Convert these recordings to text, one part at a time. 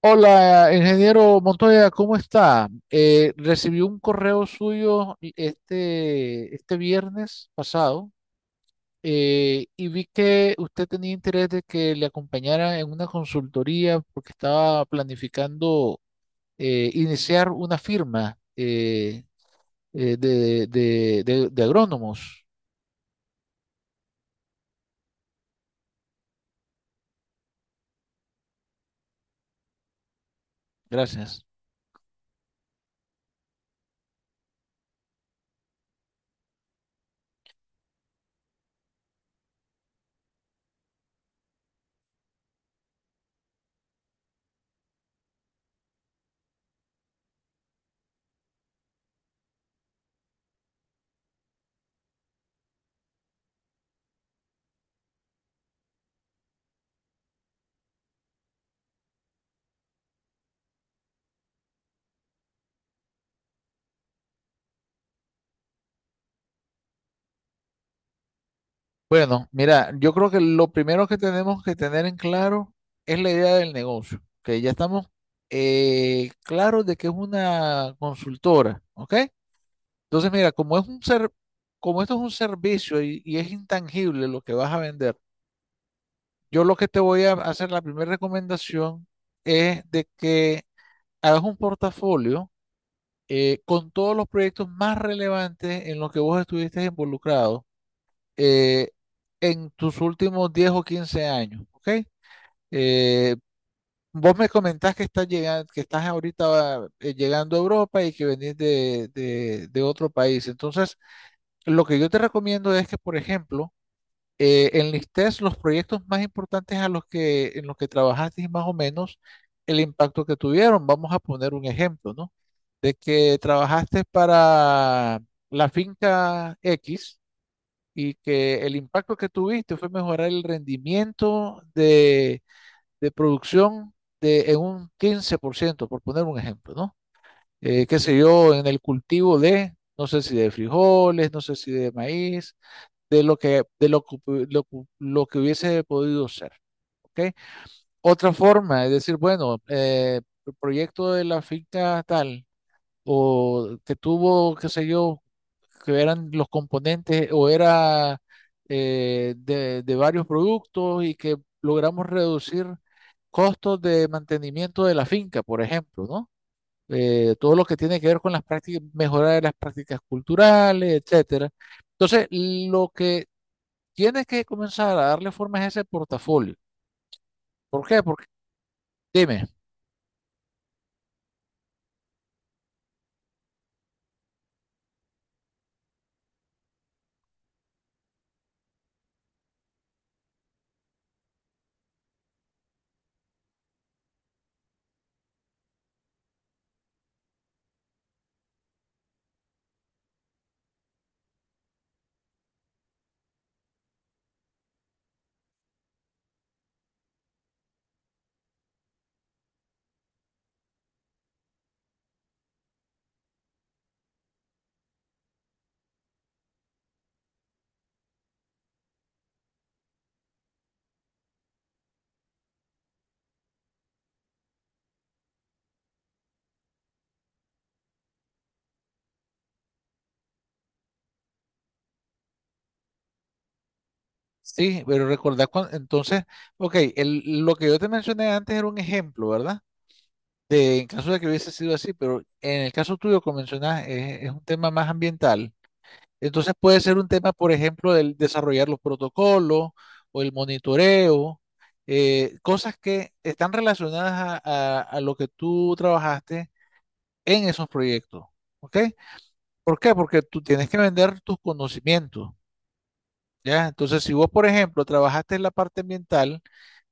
Hola, ingeniero Montoya, ¿cómo está? Recibí un correo suyo este viernes pasado y vi que usted tenía interés de que le acompañara en una consultoría porque estaba planificando iniciar una firma de, de agrónomos. Gracias. Bueno, mira, yo creo que lo primero que tenemos que tener en claro es la idea del negocio, que ya estamos claros de que es una consultora, ¿ok? Entonces, mira, como esto es un servicio y es intangible lo que vas a vender, yo lo que te voy a hacer la primera recomendación es de que hagas un portafolio con todos los proyectos más relevantes en los que vos estuviste involucrado eh, en tus últimos 10 o 15 años, ¿ok? Eh, Vos me comentás que estás llegando, que estás ahorita llegando a Europa y que venís de, de otro país. Entonces, lo que yo te recomiendo es que, por ejemplo, enlistes los proyectos más importantes a los que, en los que trabajaste y más o menos el impacto que tuvieron. Vamos a poner un ejemplo, ¿no? De que trabajaste para la finca X y que el impacto que tuviste fue mejorar el rendimiento de producción de, en un 15% por poner un ejemplo, ¿no? Qué sé yo, en el cultivo de, no sé si de frijoles, no sé si de maíz, de lo, que lo que hubiese podido ser. ¿Ok? Otra forma es decir, bueno, el proyecto de la finca tal o que tuvo, qué sé yo, que eran los componentes o era de varios productos y que logramos reducir costos de mantenimiento de la finca, por ejemplo, ¿no? Todo lo que tiene que ver con las prácticas, mejorar de las prácticas culturales, etcétera. Entonces, lo que tienes que comenzar a darle forma es ese portafolio. ¿Por qué? Porque, dime, sí, pero recordar, entonces, ok, lo que yo te mencioné antes era un ejemplo, ¿verdad? De, en caso de que hubiese sido así, pero en el caso tuyo, como mencionas, es un tema más ambiental. Entonces puede ser un tema, por ejemplo, del desarrollar los protocolos o el monitoreo, cosas que están relacionadas a, a lo que tú trabajaste en esos proyectos. ¿Ok? ¿Por qué? Porque tú tienes que vender tus conocimientos, ¿ya? Entonces, si vos, por ejemplo, trabajaste en la parte ambiental,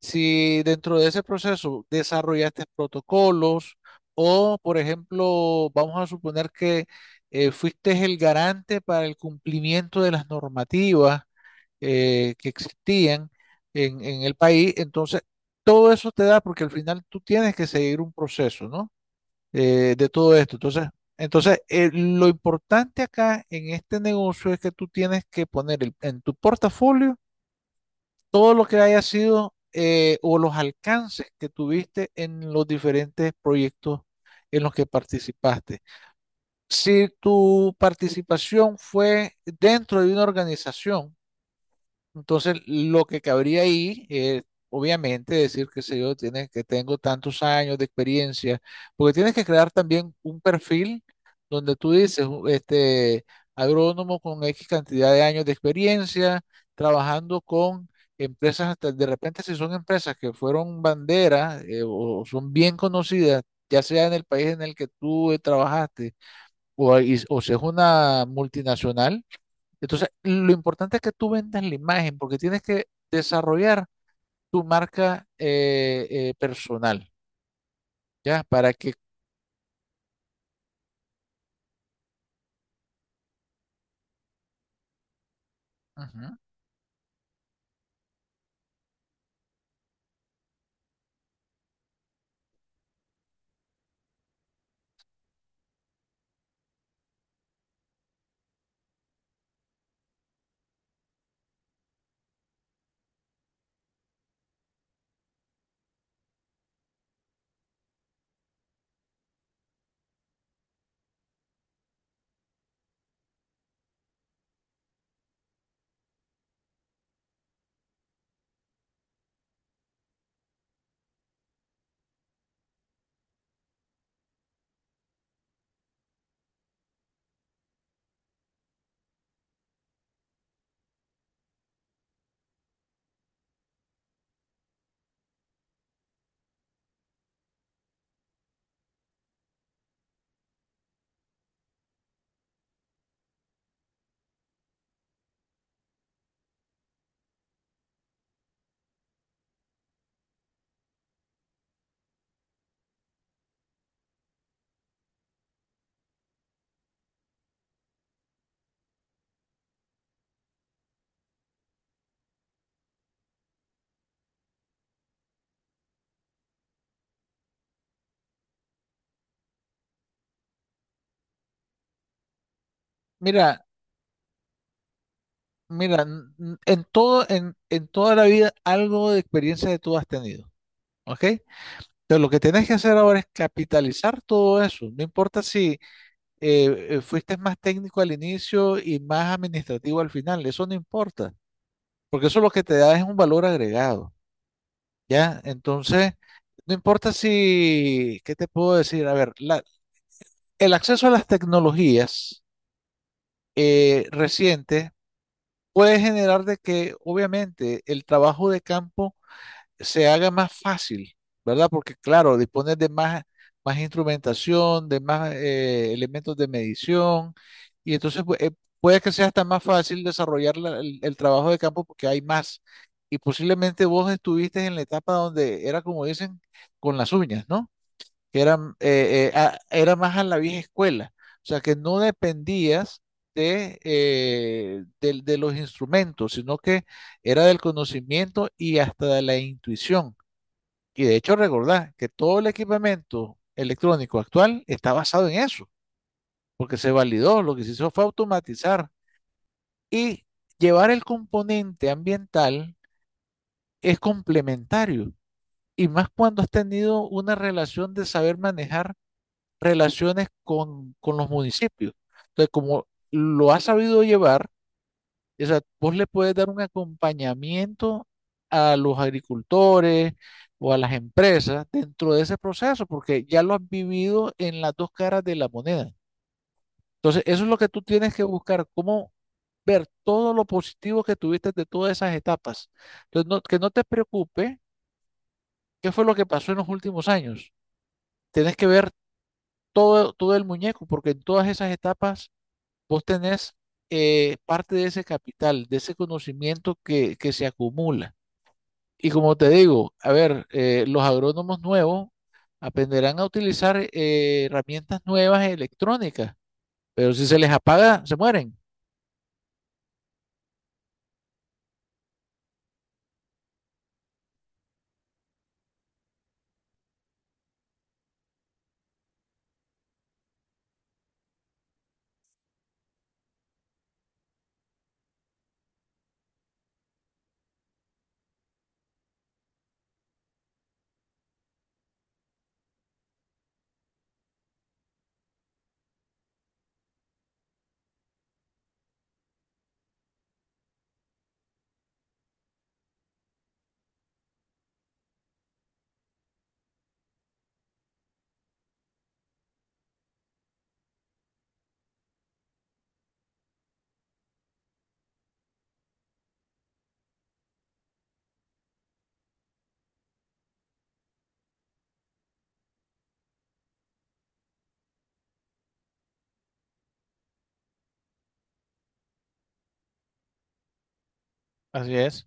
si dentro de ese proceso desarrollaste protocolos o, por ejemplo, vamos a suponer que fuiste el garante para el cumplimiento de las normativas que existían en el país, entonces todo eso te da, porque al final tú tienes que seguir un proceso, ¿no? De todo esto. Entonces, lo importante acá en este negocio es que tú tienes que poner en tu portafolio todo lo que haya sido o los alcances que tuviste en los diferentes proyectos en los que participaste. Si tu participación fue dentro de una organización, entonces, lo que cabría ahí es, obviamente, decir, qué sé yo, tienes, que tengo tantos años de experiencia, porque tienes que crear también un perfil donde tú dices, este, agrónomo con X cantidad de años de experiencia, trabajando con empresas, hasta de repente si son empresas que fueron banderas o son bien conocidas, ya sea en el país en el que tú trabajaste, o, o si es una multinacional, entonces, lo importante es que tú vendas la imagen porque tienes que desarrollar tu marca personal, ¿ya? Para que, ujú, mira, mira, en todo, en toda la vida algo de experiencia de tú has tenido, ¿ok? Entonces, lo que tienes que hacer ahora es capitalizar todo eso. No importa si fuiste más técnico al inicio y más administrativo al final, eso no importa, porque eso lo que te da es un valor agregado. ¿Ya? Entonces, no importa si, ¿qué te puedo decir? A ver, el acceso a las tecnologías recientes puede generar de que, obviamente, el trabajo de campo se haga más fácil, ¿verdad? Porque claro, dispones de más, más instrumentación, de más elementos de medición, y entonces pues, puede que sea hasta más fácil desarrollar el trabajo de campo porque hay más. Y posiblemente vos estuviste en la etapa donde era como dicen, con las uñas, ¿no? Que eran, era más a la vieja escuela, o sea que no dependías de, de los instrumentos, sino que era del conocimiento y hasta de la intuición. Y de hecho, recordad que todo el equipamiento electrónico actual está basado en eso, porque se validó, lo que se hizo fue automatizar y llevar el componente ambiental es complementario. Y más cuando has tenido una relación de saber manejar relaciones con los municipios. Entonces, como lo has sabido llevar, o sea, vos le puedes dar un acompañamiento a los agricultores o a las empresas dentro de ese proceso, porque ya lo has vivido en las dos caras de la moneda. Entonces, eso es lo que tú tienes que buscar, cómo ver todo lo positivo que tuviste de todas esas etapas. Entonces, que no te preocupe qué fue lo que pasó en los últimos años. Tienes que ver todo el muñeco, porque en todas esas etapas vos tenés parte de ese capital, de ese conocimiento que se acumula. Y como te digo, a ver, los agrónomos nuevos aprenderán a utilizar herramientas nuevas e electrónicas, pero si se les apaga, se mueren. Así es,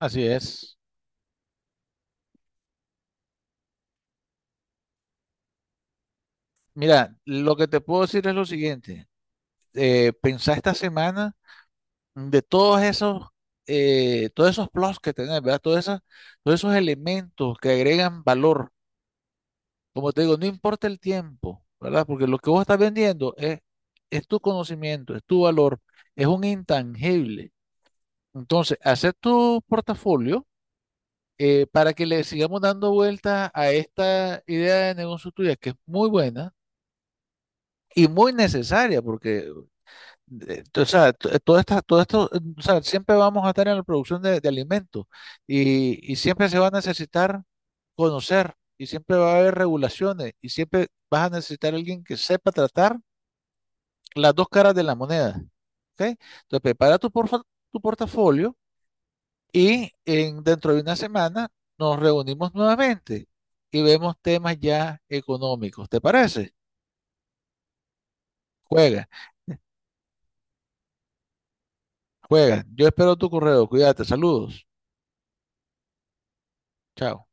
así es. Mira, lo que te puedo decir es lo siguiente. Pensá esta semana de todos esos plus que tenés, ¿verdad? Todos esos elementos que agregan valor. Como te digo, no importa el tiempo, ¿verdad? Porque lo que vos estás vendiendo es tu conocimiento, es tu valor, es un intangible. Entonces, hacer tu portafolio para que le sigamos dando vuelta a esta idea de negocio tuya, que es muy buena y muy necesaria, porque o sea, todo esto, o sea, siempre vamos a estar en la producción de alimentos y siempre se va a necesitar conocer y siempre va a haber regulaciones y siempre vas a necesitar alguien que sepa tratar las dos caras de la moneda. ¿Ok? Entonces, prepara tu, tu portafolio y en, dentro de una semana nos reunimos nuevamente y vemos temas ya económicos. ¿Te parece? Juega, juega. Yo espero tu correo. Cuídate. Saludos. Chao.